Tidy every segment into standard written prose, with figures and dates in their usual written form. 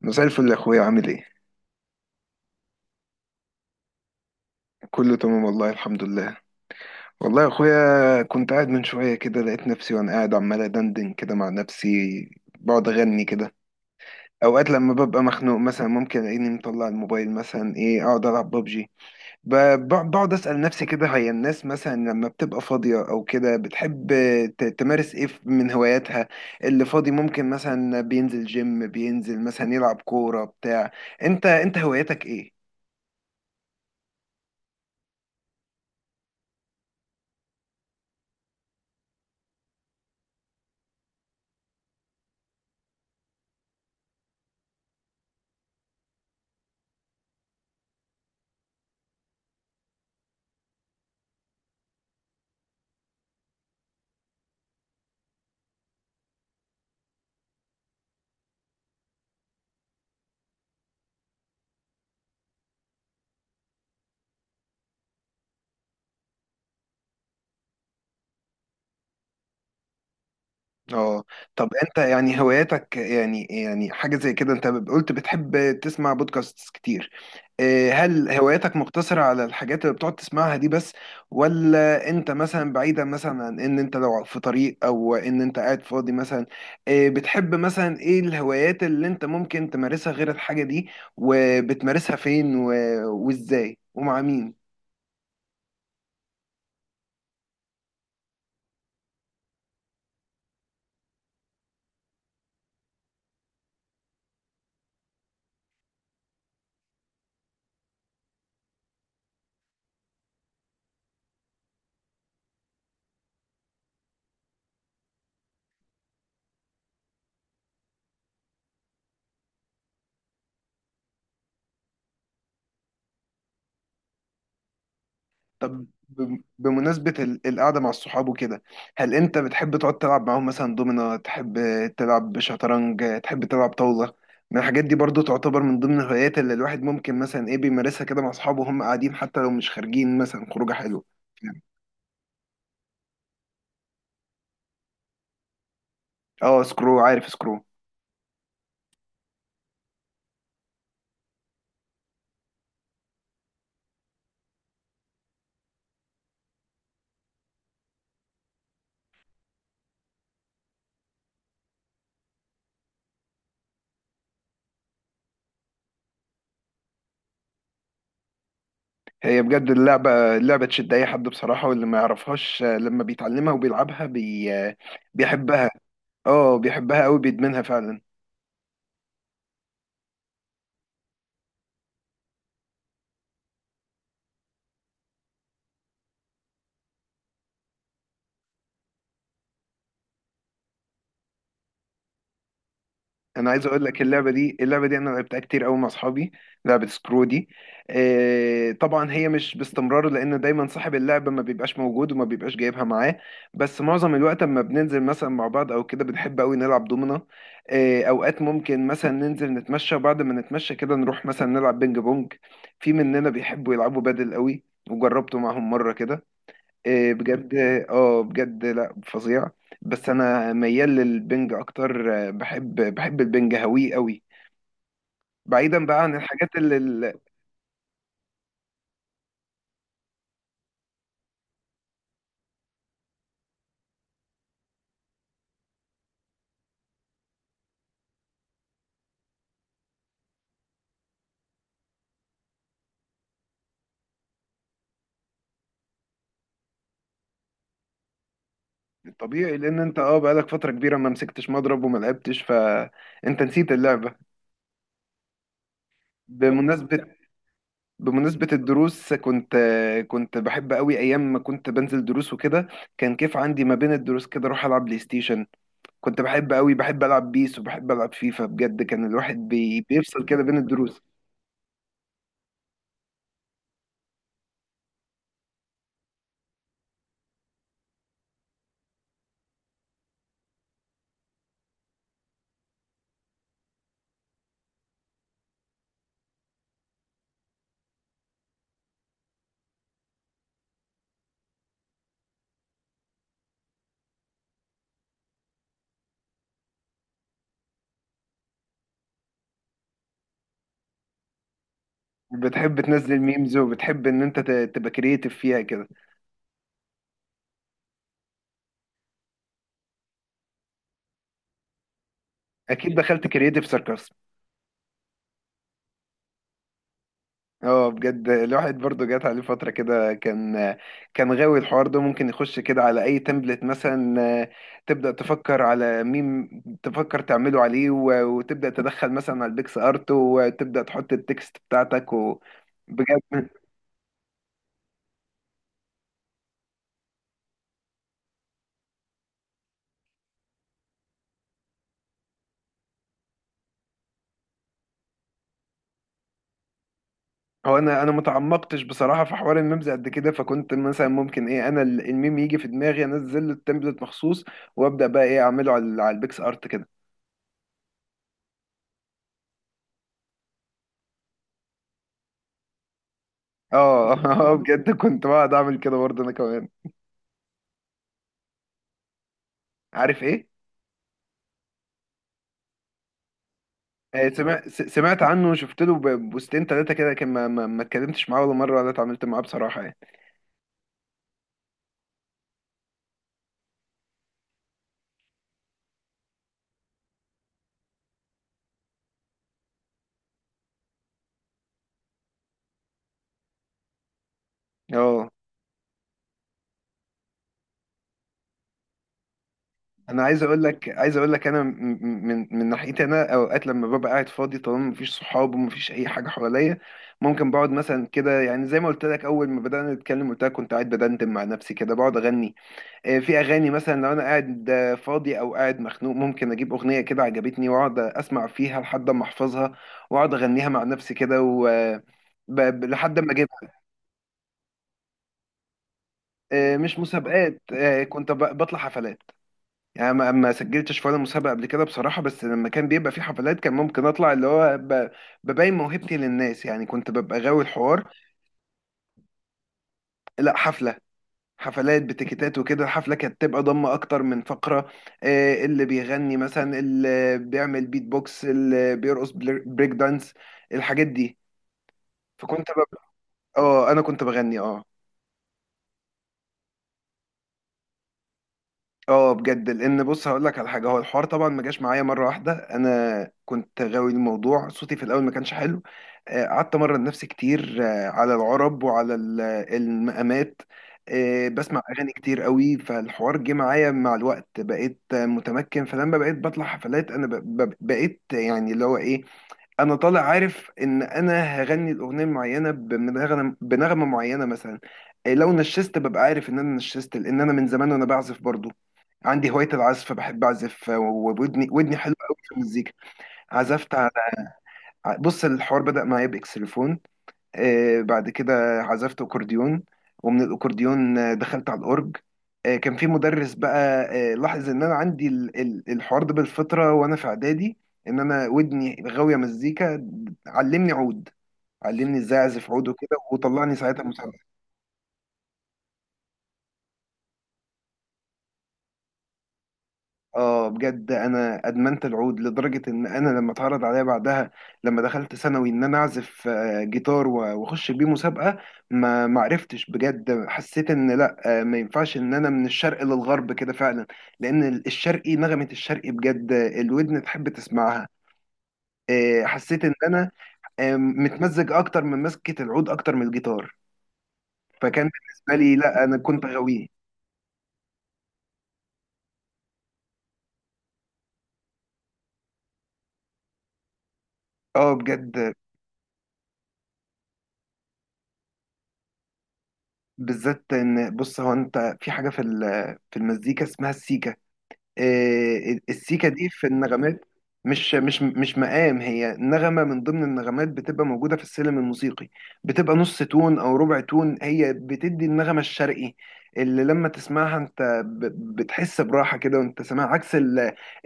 مساء الفل يا اخويا، عامل ايه؟ كله تمام، والله الحمد لله. والله يا اخويا، كنت قاعد من شويه كده، لقيت نفسي وانا قاعد عمال ادندن كده مع نفسي. بقعد اغني كده. اوقات لما ببقى مخنوق مثلا، ممكن الاقيني مطلع الموبايل، مثلا ايه اقعد العب ببجي. بقعد اسال نفسي كده، هي الناس مثلا لما بتبقى فاضيه او كده بتحب تمارس ايه من هواياتها؟ اللي فاضي ممكن مثلا بينزل جيم، بينزل مثلا يلعب كوره بتاع. انت هواياتك ايه؟ اه. طب انت، يعني هواياتك يعني حاجة زي كده، انت قلت بتحب تسمع بودكاست كتير؟ اه، هل هواياتك مقتصرة على الحاجات اللي بتقعد تسمعها دي بس؟ ولا انت مثلا بعيدا، مثلا عن ان انت لو في طريق او ان انت قاعد فاضي مثلا، اه، بتحب مثلا ايه الهوايات اللي انت ممكن تمارسها غير الحاجة دي؟ وبتمارسها فين وازاي ومع مين؟ طب بمناسبة القعدة مع الصحاب وكده، هل أنت بتحب تقعد تلعب معاهم مثلا دومينو، تحب تلعب شطرنج، تحب تلعب طاولة؟ من الحاجات دي برضو تعتبر من ضمن الهوايات اللي الواحد ممكن مثلا إيه بيمارسها كده مع أصحابه وهم قاعدين، حتى لو مش خارجين مثلا خروجة حلوة. اه، سكرو، عارف سكرو. هي بجد اللعبة اللعبة تشد أي حد بصراحة، واللي ما يعرفهاش لما بيتعلمها وبيلعبها بي... آه، بيحبها. اه بيحبها قوي، بيدمنها فعلا. انا عايز اقول لك، اللعبه دي اللعبه دي انا لعبتها كتير قوي مع اصحابي، لعبه سكرو دي. طبعا هي مش باستمرار، لان دايما صاحب اللعبه ما بيبقاش موجود وما بيبقاش جايبها معاه. بس معظم الوقت، اما بننزل مثلا مع بعض او كده، بنحب قوي نلعب دومنا. اوقات ممكن مثلا ننزل نتمشى، وبعد ما نتمشى كده نروح مثلا نلعب بينج بونج. في مننا بيحبوا يلعبوا بادل قوي، وجربته معاهم مره كده، إيه بجد. اه بجد، لا، فظيع. بس انا ميال للبنج اكتر، بحب البنج هويه قوي. بعيدا بقى عن الحاجات اللي الطبيعي لان انت بقالك فتره كبيره ما مسكتش مضرب وما لعبتش، فانت نسيت اللعبه. بمناسبه بمناسبه الدروس، كنت بحب قوي ايام ما كنت بنزل دروس وكده. كان كيف عندي ما بين الدروس كده اروح العب بلاي ستيشن، كنت بحب قوي، بحب العب بيس وبحب العب فيفا، بجد كان الواحد بيفصل كده بين الدروس. بتحب تنزل ميمز، وبتحب ان انت تبقى كرييتيف فيها كده؟ اكيد دخلت كرييتيف ساركاسم. اه بجد، الواحد برضو جات عليه فتره كده، كان غاوي الحوار ده، ممكن يخش كده على اي تمبلت مثلا، تبدا تفكر على ميم، تفكر تعمله عليه وتبدا تدخل مثلا على البيكس ارت وتبدا تحط التكست بتاعتك، وبجد هو انا متعمقتش بصراحه في حوار الميمز قد كده، فكنت مثلا ممكن ايه انا الميم يجي في دماغي انزل له التمبلت مخصوص، وابدا بقى ايه اعمله على البيكس ارت كده. اه. بجد كنت بقعد اعمل كده برضه انا كمان. عارف ايه؟ سمعت سمعت عنه وشفت له بوستين ثلاثه كده، لكن ما اتكلمتش معاه ولا مره ولا اتعاملت معاه بصراحه يعني. اه. انا عايز اقول لك انا من ناحيتي، انا اوقات لما ببقى قاعد فاضي طالما مفيش صحاب ومفيش اي حاجه حواليا، ممكن بقعد مثلا كده، يعني زي ما قلت لك اول ما بدانا نتكلم قلت لك كنت قاعد بدندن مع نفسي كده بقعد اغني. في اغاني مثلا لو انا قاعد فاضي او قاعد مخنوق، ممكن اجيب اغنيه كده عجبتني، واقعد اسمع فيها لحد ما احفظها، واقعد اغنيها مع نفسي كده و آه، ب- ب- لحد ما اجيبها. مش مسابقات، كنت بطلع حفلات. يعني ما سجلتش في ولا مسابقة قبل كده بصراحة، بس لما كان بيبقى في حفلات كان ممكن أطلع اللي هو ببين موهبتي للناس، يعني كنت ببقى غاوي الحوار. لا، حفلة، حفلات بتيكيتات وكده، الحفلة كانت تبقى ضمة أكتر من فقرة، اللي بيغني مثلا، اللي بيعمل بيت بوكس، اللي بيرقص بريك دانس الحاجات دي، فكنت ببقى. اه، أنا كنت بغني. اه. اه بجد، لان بص هقول لك على حاجه، هو الحوار طبعا ما جاش معايا مره واحده، انا كنت غاوي الموضوع، صوتي في الاول ما كانش حلو. قعدت امرن نفسي كتير على العرب وعلى المقامات. بسمع اغاني كتير قوي، فالحوار جه معايا مع الوقت، بقيت متمكن، فلما بقيت بطلع حفلات انا بقيت يعني اللي هو ايه، انا طالع عارف ان انا هغني الاغنيه المعينه بنغمه معينه مثلا. إيه، لو نشست ببقى عارف ان انا نشست، لان انا من زمان وانا بعزف برضو، عندي هوايه العزف، فبحب اعزف وودني ودني حلوه قوي في المزيكا. عزفت على. بص الحوار بدا معايا باكسليفون. بعد كده عزفت أكورديون، ومن الأكورديون دخلت على الأورج. كان في مدرس بقى، لاحظ إن أنا عندي الحوار ده بالفطرة وأنا في إعدادي، إن أنا ودني غاوية مزيكا، علمني عود، علمني إزاي أعزف عود وكده، وطلعني ساعتها مسابقة. اه بجد، انا ادمنت العود لدرجه ان انا لما اتعرض عليا بعدها، لما دخلت ثانوي، ان انا اعزف جيتار واخش بيه مسابقه، ما عرفتش بجد، حسيت ان لا ما ينفعش ان انا من الشرق للغرب كده فعلا. لان الشرقي نغمه، الشرقي بجد الودن تحب تسمعها، حسيت ان انا متمزج اكتر من مسكه العود اكتر من الجيتار. فكان بالنسبه لي، لا انا كنت غاويه. اه بجد، بالذات ان بص، هو انت في حاجه في المزيكا اسمها السيكا، إيه، السيكا دي في النغمات. مش مقام، هي نغمه من ضمن النغمات بتبقى موجوده في السلم الموسيقي، بتبقى نص تون او ربع تون، هي بتدي النغمه الشرقي، اللي لما تسمعها انت بتحس براحه كده وانت سامعها، عكس ال-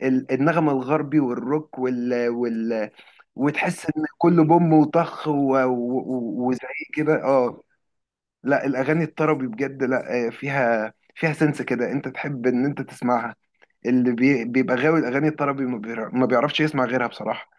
ال- النغمه الغربي والروك وال وال وتحس ان كله بوم وطخ و- وزي كده. اه. لا الاغاني الطربي بجد، لا فيها سنس كده، انت تحب ان انت تسمعها. اللي بيبقى غاوي الاغاني الطربي، ما بيعرفش يسمع غيرها بصراحه.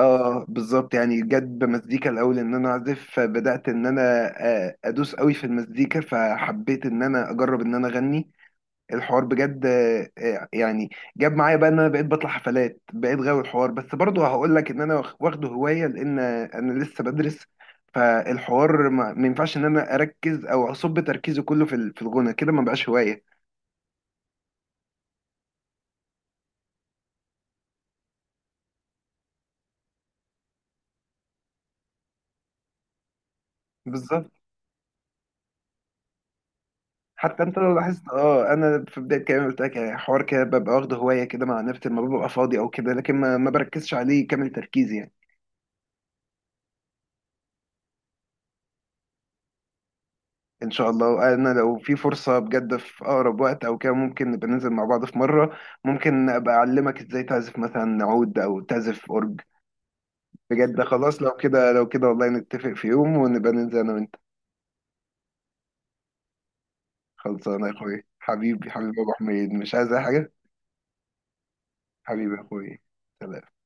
اه بالظبط، يعني جت بمزيكا الاول ان انا اعزف، فبدات ان انا ادوس قوي في المزيكا، فحبيت ان انا اجرب ان انا اغني. الحوار بجد، يعني جاب معايا بقى ان انا بقيت بطلع حفلات، بقيت غاوي الحوار، بس برضه هقول لك ان انا واخده هوايه، لان انا لسه بدرس، فالحوار ما ينفعش ان انا اركز او اصب تركيزي كله في الغنى كده، ما بقاش هوايه. بالظبط، حتى انت لو لاحظت، انا في بدايه كلامي قلت لك يعني حوار كده ببقى واخده هوايه كده مع نفسي لما ببقى فاضي او كده، لكن ما بركزش عليه كامل تركيزي يعني. ان شاء الله، وانا لو في فرصة بجد في اقرب وقت او كده، ممكن نبقى ننزل مع بعض في مرة، ممكن ابقى اعلمك ازاي تعزف مثلا عود او تعزف اورج. بجد خلاص، لو كده لو كده والله، نتفق في يوم ونبقى ننزل انا وانت. خلصانه يا اخويا، حبيبي حبيبي يا ابو حميد، مش عايز اي حاجة. حبيبي يا اخويا. سلام.